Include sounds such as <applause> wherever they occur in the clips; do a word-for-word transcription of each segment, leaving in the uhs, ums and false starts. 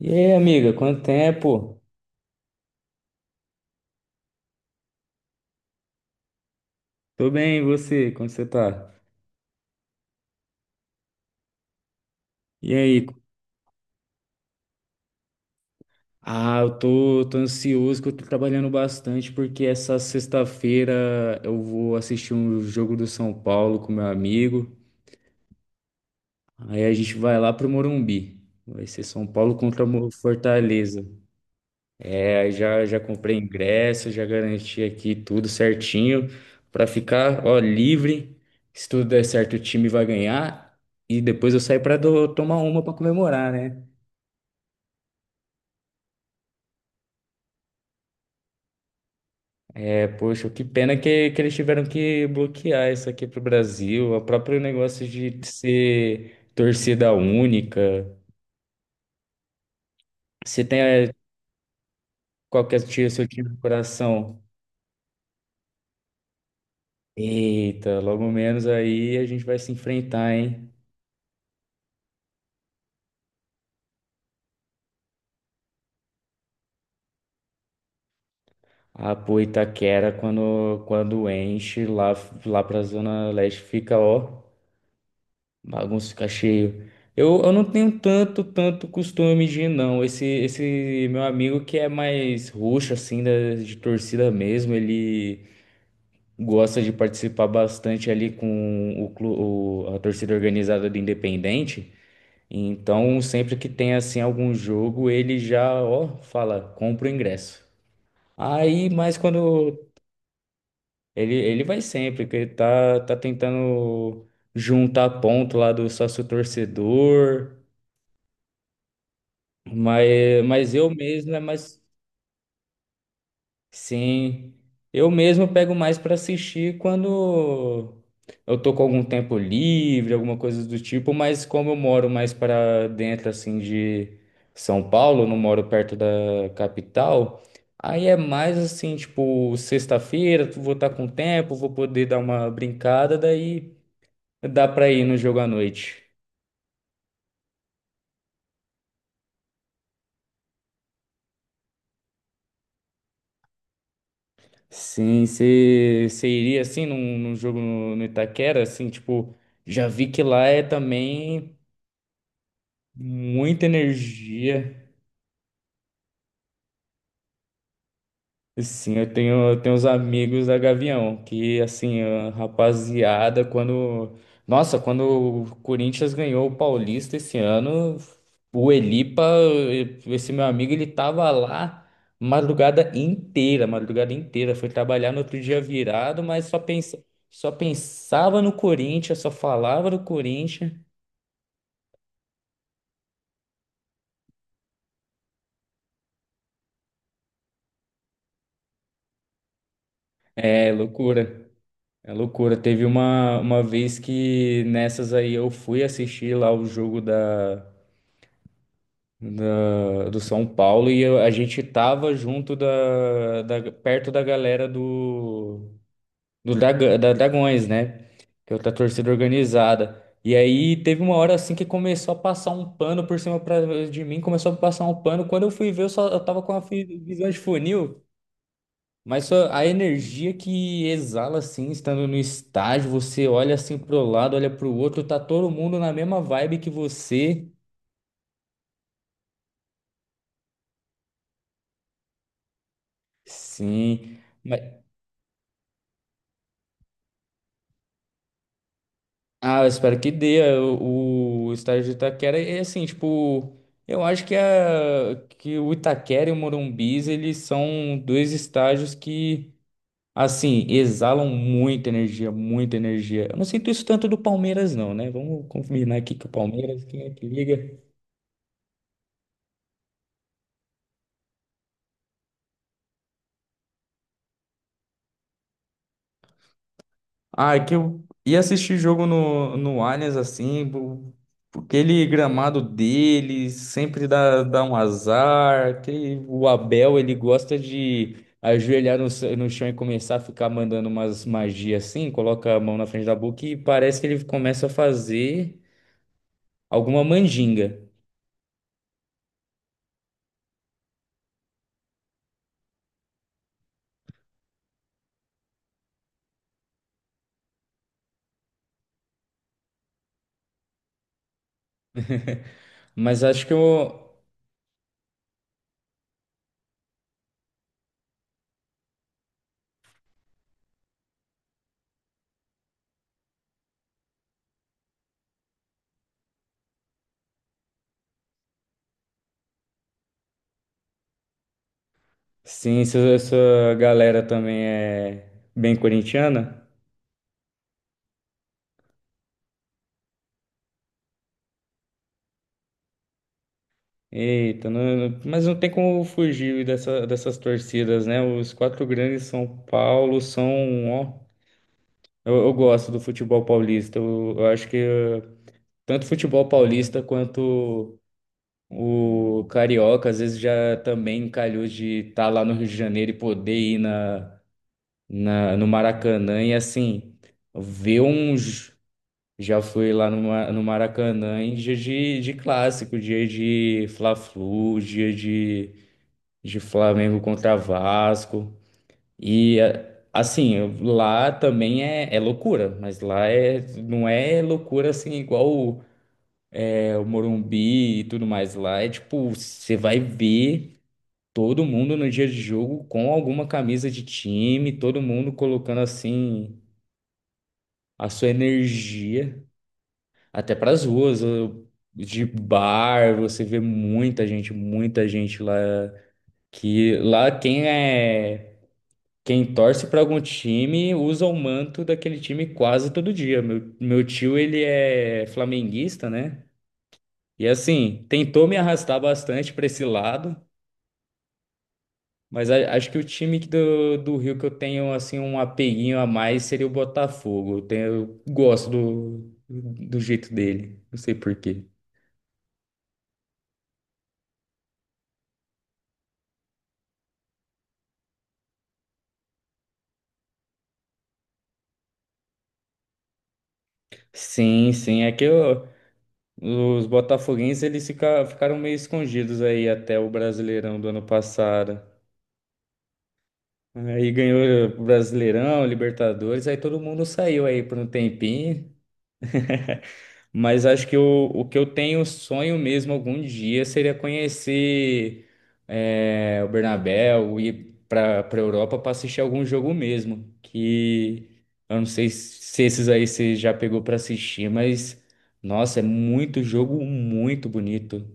E aí, amiga, quanto tempo? Tô bem, e você? Como você tá? E aí? Ah, eu tô, tô ansioso que eu tô trabalhando bastante porque essa sexta-feira eu vou assistir um jogo do São Paulo com meu amigo. Aí a gente vai lá pro Morumbi. Vai ser São Paulo contra Mo- Fortaleza. É, aí já, já comprei ingresso, já garanti aqui tudo certinho pra ficar, ó, livre. Se tudo der certo, o time vai ganhar. E depois eu saio pra do- tomar uma pra comemorar, né? Poxa, que pena que, que eles tiveram que bloquear isso aqui pro Brasil. O próprio negócio de ser torcida única. Se tem eh, qualquer tio, seu time do coração. Eita, logo menos aí a gente vai se enfrentar, hein? A pô, Itaquera, quando, quando enche lá, lá pra Zona Leste, fica, ó. Bagunça fica cheio. Eu, eu não tenho tanto, tanto costume de ir, não. Esse, esse meu amigo que é mais roxo, assim, da, de torcida mesmo, ele gosta de participar bastante ali com o, clu- o- a torcida organizada do Independente. Então, sempre que tem, assim, algum jogo, ele já, ó, fala, compra o ingresso. Aí, mas quando. Ele, ele vai sempre, que ele tá, tá tentando juntar ponto lá do sócio torcedor. Mas, mas eu mesmo é mais. Sim, eu mesmo pego mais para assistir quando eu tô com algum tempo livre, alguma coisa do tipo, mas como eu moro mais para dentro assim de São Paulo, não moro perto da capital, aí é mais assim, tipo, sexta-feira, vou estar com tempo, vou poder dar uma brincada, daí dá para ir no jogo à noite. Sim, você iria assim num, num jogo no, no Itaquera, assim, tipo, já vi que lá é também muita energia. Sim, eu tenho, eu tenho uns amigos da Gavião, que assim, a rapaziada, quando. Nossa, quando o Corinthians ganhou o Paulista esse ano, o Elipa, esse meu amigo, ele tava lá madrugada inteira, madrugada inteira. Foi trabalhar no outro dia virado, mas só pensa, só pensava no Corinthians, só falava do Corinthians. É loucura. É loucura. Teve uma, uma vez que nessas aí eu fui assistir lá o jogo da. da- do São Paulo e eu- a gente tava junto da, da- perto da galera do, do Draga- da Dragões, né? Que é outra torcida organizada. E aí teve uma hora assim que começou a passar um pano por cima pra, de mim, começou a passar um pano. Quando eu fui ver, eu só eu tava com a visão de funil. Mas só a energia que exala assim, estando no estádio, você olha assim pro lado, olha pro outro, tá todo mundo na mesma vibe que você. Sim. Ah, eu espero que dê. é, O, o estádio de Itaquera é assim, tipo, eu acho que, a, que o Itaquera e o Morumbis, eles são dois estádios que, assim, exalam muita energia, muita energia. Eu não sinto isso tanto do Palmeiras, não, né? Vamos combinar aqui que o Palmeiras, quem é que liga? Ah, é que eu ia assistir jogo no, no Allianz, assim, bo- aquele gramado dele sempre dá, dá um azar. Aquele, o Abel, ele gosta de ajoelhar no, c- no chão e começar a ficar mandando umas magias assim, coloca a mão na frente da boca e parece que ele começa a fazer alguma mandinga. Mas acho que eu. Sim, essa essa galera também é bem corintiana. Eita, não- não- mas não tem como fugir dessa, dessas torcidas, né? Os quatro grandes São Paulo são, ó, eu, eu gosto do futebol paulista. Eu, eu acho que eh, tanto o futebol paulista quanto o carioca, às vezes já também calhou de estar lá no Rio de Janeiro e poder ir na, na, no Maracanã e assim ver uns. Já fui lá no, Ma- no Maracanã em dia de, de clássico, dia de Fla-Flu, dia de de Flamengo contra Vasco. E a- assim, eu- lá também é, é loucura, mas lá é, não é loucura assim igual o, é, o Morumbi e tudo mais. Lá é tipo, você vai ver todo mundo no dia de jogo com alguma camisa de time, todo mundo colocando assim a sua energia até para as ruas. eu- De bar, você vê muita gente, muita gente lá. Que lá quem é Quem torce para algum time usa o manto daquele time quase todo dia. Meu, meu tio, ele é flamenguista, né? E assim, tentou me arrastar bastante para esse lado, mas a- acho que o time que do, do Rio que eu tenho assim um apeguinho a mais seria o Botafogo. Eu, tenho, eu gosto do, do jeito dele, não sei por quê. Sim, sim, é que eu- os botafoguenses eles fica- ficaram meio escondidos aí até o Brasileirão do ano passado. Aí ganhou o Brasileirão, Libertadores, aí todo mundo saiu aí por um tempinho. Mas acho que o, o que eu tenho sonho mesmo algum dia seria conhecer é, o Bernabéu, ir para para Europa para assistir algum jogo mesmo. Que eu não sei se esses aí você já pegou para assistir, mas nossa, é muito jogo muito bonito.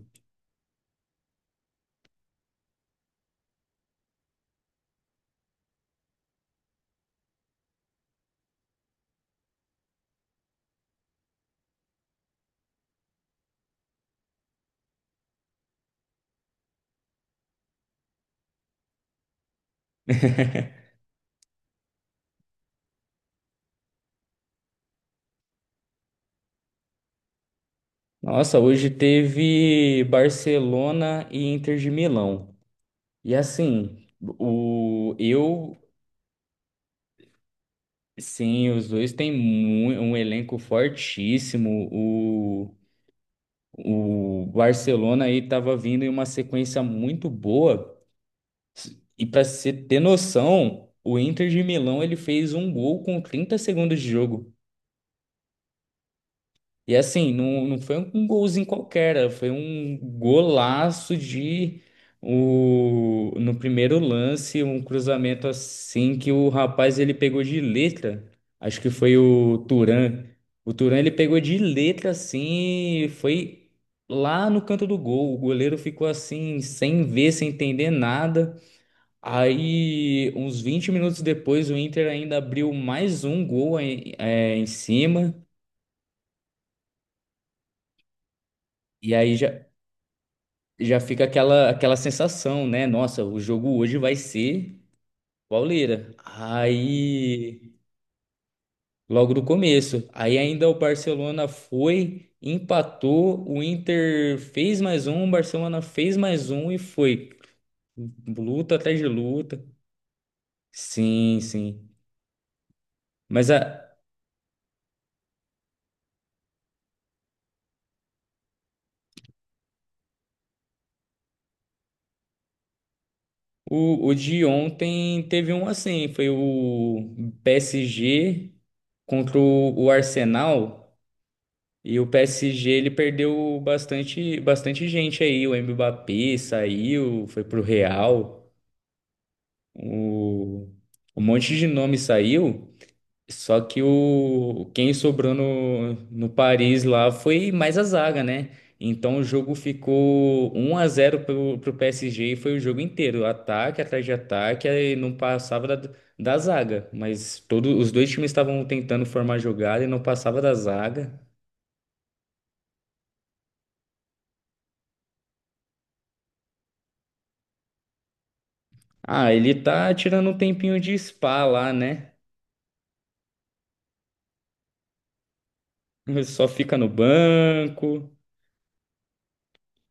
Nossa, hoje teve Barcelona e Inter de Milão. E assim, o eu sim, os dois têm mu- um elenco fortíssimo. O, o Barcelona aí estava vindo em uma sequência muito boa. E para você ter noção, o Inter de Milão ele fez um gol com trinta segundos de jogo. E assim, não, não foi um golzinho qualquer, né? Foi um golaço de o, no primeiro lance, um cruzamento assim que o rapaz ele pegou de letra. Acho que foi o Turan. O Turan ele pegou de letra assim, e foi lá no canto do gol. O goleiro ficou assim, sem ver, sem entender nada. Aí, uns vinte minutos depois, o Inter ainda abriu mais um gol em, é, em cima. E aí já, já fica aquela aquela sensação, né? Nossa, o jogo hoje vai ser pauleira. Aí, logo no começo, aí ainda o Barcelona foi, empatou, o Inter fez mais um, o Barcelona fez mais um e foi luta atrás de luta. Sim, sim. Mas a O, o de ontem teve um assim, foi o P S G contra o o Arsenal. E o P S G ele perdeu bastante, bastante gente aí. O Mbappé saiu, foi pro Real. O, Um monte de nome saiu. Só que o quem sobrou no, no Paris lá foi mais a zaga, né? Então o jogo ficou um a zero pro, pro P S G e foi o jogo inteiro, ataque atrás de ataque, aí não passava da, da zaga, mas todo, os dois times estavam tentando formar jogada e não passava da zaga. Ah, ele tá tirando um tempinho de spa lá, né? <laughs> Só fica no banco.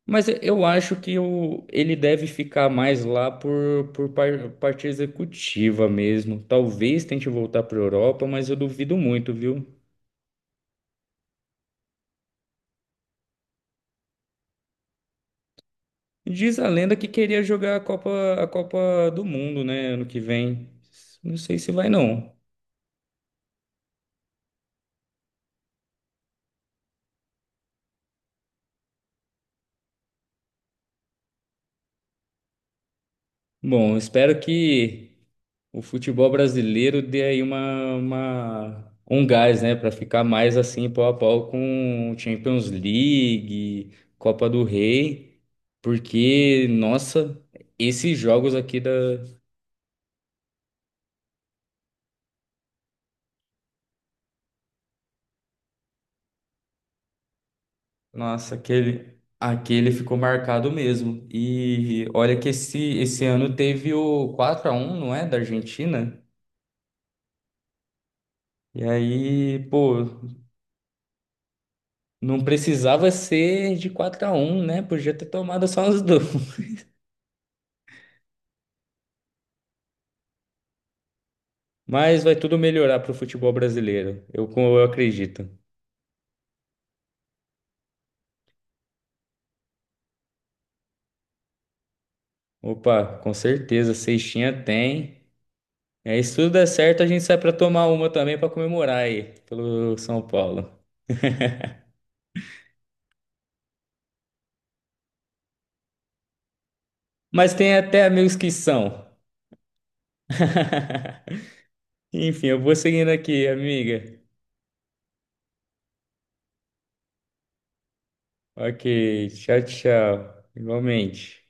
Mas eu acho que o, ele deve ficar mais lá por, por par- parte executiva mesmo. Talvez tente voltar para a Europa, mas eu duvido muito, viu? Diz a lenda que queria jogar a Copa, a Copa do Mundo, né, ano que vem. Não sei se vai, não. Bom, espero que o futebol brasileiro dê aí uma, uma- um gás, né, para ficar mais assim pau a pau com Champions League, Copa do Rei, porque nossa, esses jogos aqui da. Nossa, aquele aquele ficou marcado mesmo. E olha que esse esse ano teve o quatro a um não é, da Argentina? E aí, pô, não precisava ser de quatro a um, né? Podia ter tomado só uns dois. Mas vai tudo melhorar para o futebol brasileiro. Eu, eu acredito. Opa, com certeza, sextinha tem. É, se tudo der certo, a gente sai para tomar uma também para comemorar aí pelo São Paulo. Mas tem até amigos que são. <laughs> Enfim, eu vou seguindo aqui, amiga. Ok, tchau, tchau. Igualmente.